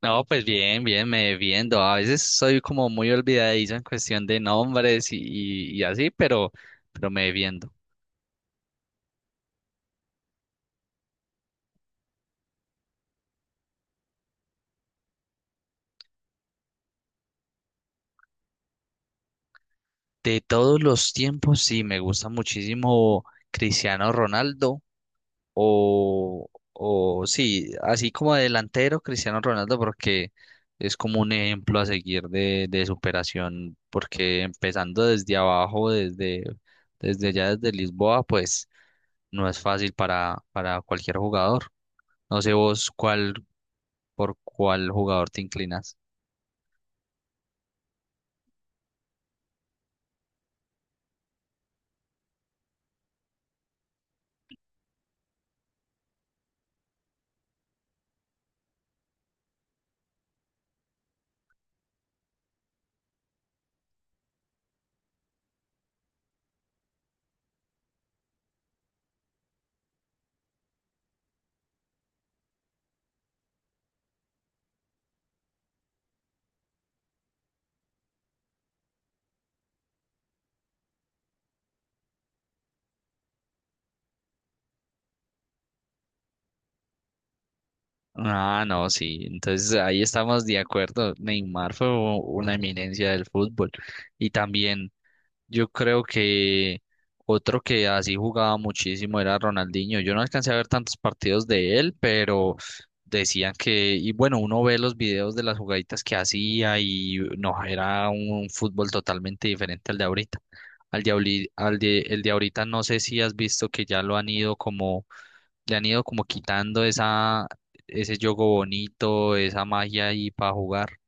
No, pues bien, bien, me viendo. A veces soy como muy olvidadizo en cuestión de nombres y así, pero me viendo. De todos los tiempos, sí, me gusta muchísimo Cristiano Ronaldo o sí, así como delantero Cristiano Ronaldo porque es como un ejemplo a seguir de superación, porque empezando desde abajo, desde Lisboa, pues no es fácil para cualquier jugador. No sé vos cuál, por cuál jugador te inclinas. Ah, no, sí. Entonces ahí estamos de acuerdo. Neymar fue una eminencia del fútbol. Y también yo creo que otro que así jugaba muchísimo era Ronaldinho. Yo no alcancé a ver tantos partidos de él, pero decían que, y bueno, uno ve los videos de las jugaditas que hacía y no, era un fútbol totalmente diferente al de ahorita. Al de, ahorri- al de, El de ahorita no sé si has visto que ya lo han ido como, le han ido como quitando esa, ese juego bonito, esa magia ahí para jugar.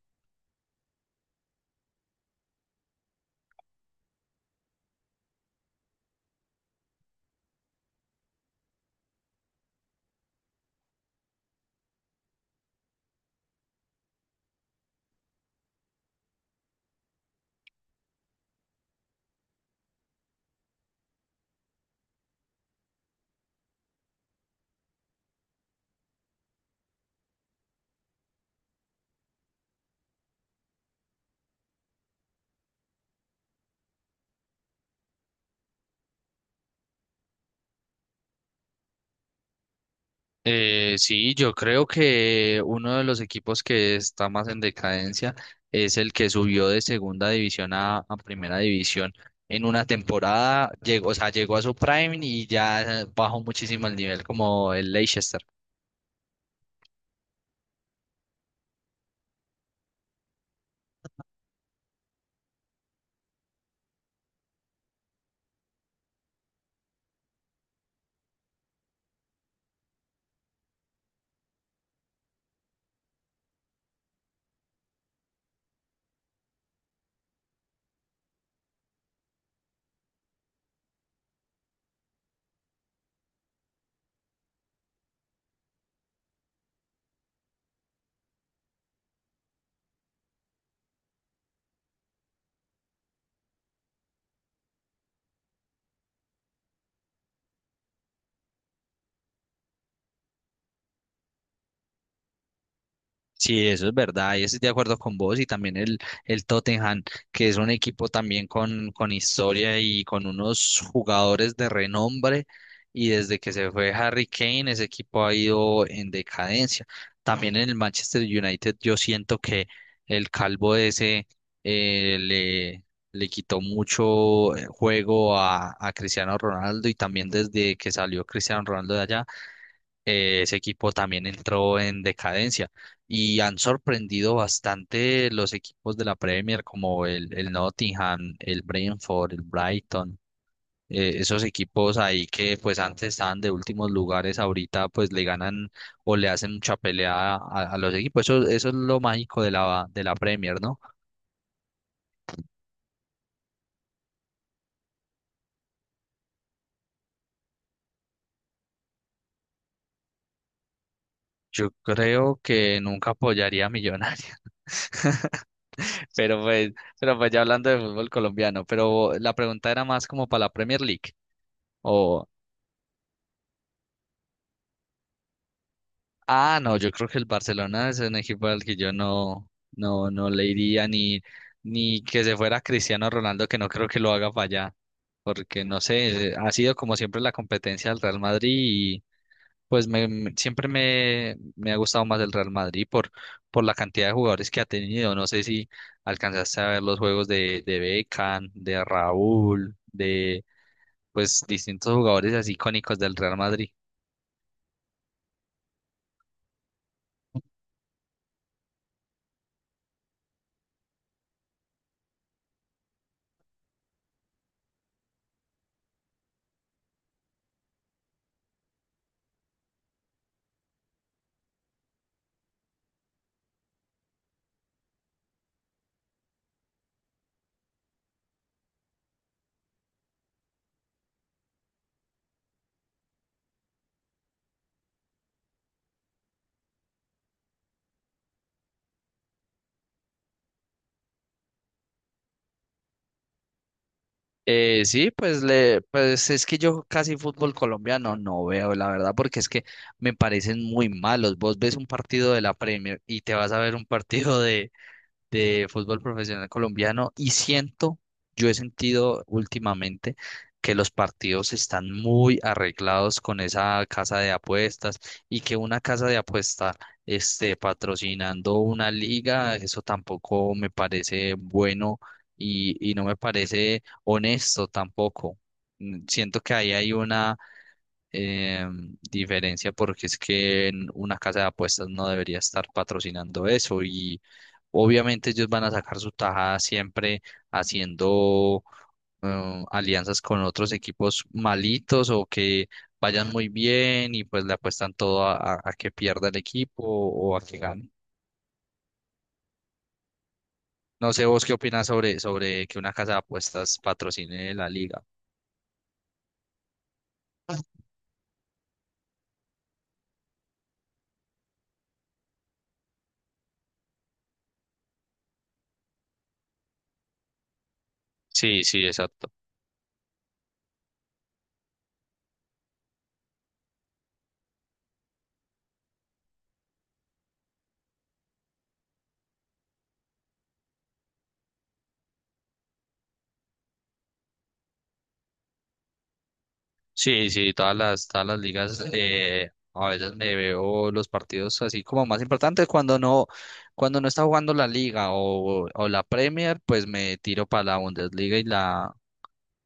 Sí, yo creo que uno de los equipos que está más en decadencia es el que subió de segunda división a primera división. En una temporada llegó, o sea, llegó a su prime y ya bajó muchísimo el nivel como el Leicester. Sí, eso es verdad, y estoy de acuerdo con vos y también el Tottenham, que es un equipo también con historia y con unos jugadores de renombre y desde que se fue Harry Kane ese equipo ha ido en decadencia. También en el Manchester United yo siento que el calvo ese eh, le, le quitó mucho juego a Cristiano Ronaldo y también desde que salió Cristiano Ronaldo de allá ese equipo también entró en decadencia y han sorprendido bastante los equipos de la Premier como el Nottingham, el Brentford, el Brighton, esos equipos ahí que pues antes estaban de últimos lugares, ahorita pues le ganan o le hacen mucha pelea a los equipos. Eso es lo mágico de la Premier, ¿no? Yo creo que nunca apoyaría a Millonarios. Pero pues, pero pues ya hablando de fútbol colombiano, pero la pregunta era más como para la Premier League. O, ah, no, yo creo que el Barcelona es un equipo al que yo no le iría ni que se fuera Cristiano Ronaldo, que no creo que lo haga para allá. Porque no sé, ha sido como siempre la competencia del Real Madrid. Siempre me ha gustado más el Real Madrid por la cantidad de jugadores que ha tenido. No sé si alcanzaste a ver los juegos de Beckham, de Raúl, de pues distintos jugadores así icónicos del Real Madrid. Sí, pues le, pues es que yo casi fútbol colombiano no veo, la verdad, porque es que me parecen muy malos. Vos ves un partido de la Premier y te vas a ver un partido de fútbol profesional colombiano y siento, yo he sentido últimamente que los partidos están muy arreglados con esa casa de apuestas y que una casa de apuesta esté patrocinando una liga, eso tampoco me parece bueno y no me parece honesto tampoco. Siento que ahí hay una eh, diferencia porque es que en una casa de apuestas no debería estar patrocinando eso y obviamente ellos van a sacar su tajada siempre haciendo alianzas con otros equipos malitos o que vayan muy bien y pues le apuestan todo a que pierda el equipo o a que gane. No sé vos qué opinas sobre que una casa de apuestas patrocine la liga. Sí, sí, exacto. Sí, sí, todas las ligas, a veces me veo los partidos así como más importantes cuando no está jugando la liga o la Premier, pues me tiro para la Bundesliga y la,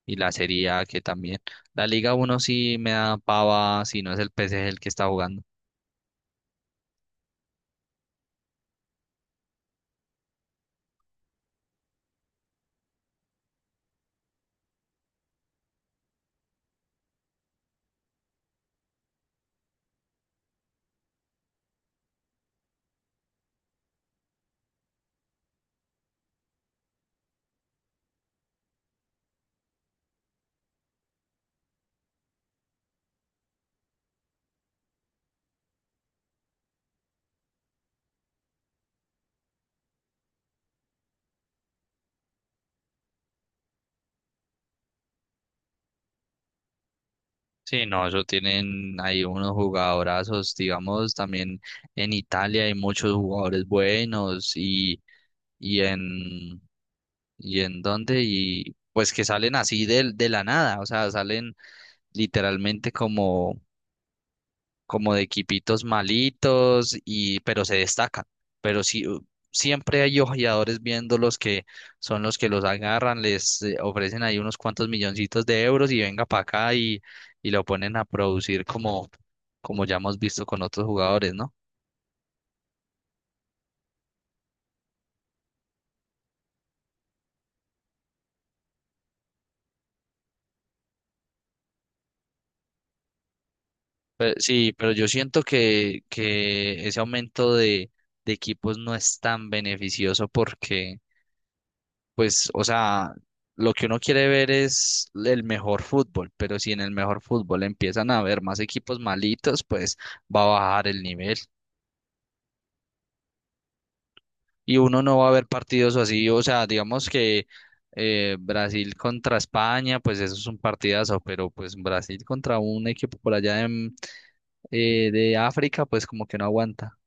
y la Serie A que también. La Liga uno sí me da pava si no es el PSG el que está jugando. Sí, no, eso tienen ahí unos jugadorazos, digamos, también en Italia hay muchos jugadores buenos y en ¿Y ¿en dónde? Y pues que salen así de la nada, o sea, salen literalmente como, como de equipitos malitos, y, pero se destacan. Pero sí, siempre hay ojeadores viéndolos que son los que los agarran, les ofrecen ahí unos cuantos milloncitos de euros y venga para acá y lo ponen a producir como, como ya hemos visto con otros jugadores, ¿no? Sí, pero yo siento que ese aumento de equipos no es tan beneficioso porque pues, o sea, lo que uno quiere ver es el mejor fútbol, pero si en el mejor fútbol empiezan a haber más equipos malitos, pues va a bajar el nivel y uno no va a ver partidos así, o sea, digamos que Brasil contra España, pues eso es un partidazo, pero pues Brasil contra un equipo por allá en, de África, pues como que no aguanta.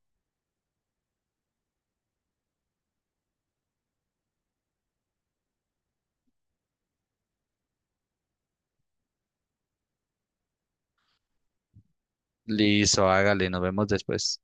Listo, hágale, nos vemos después.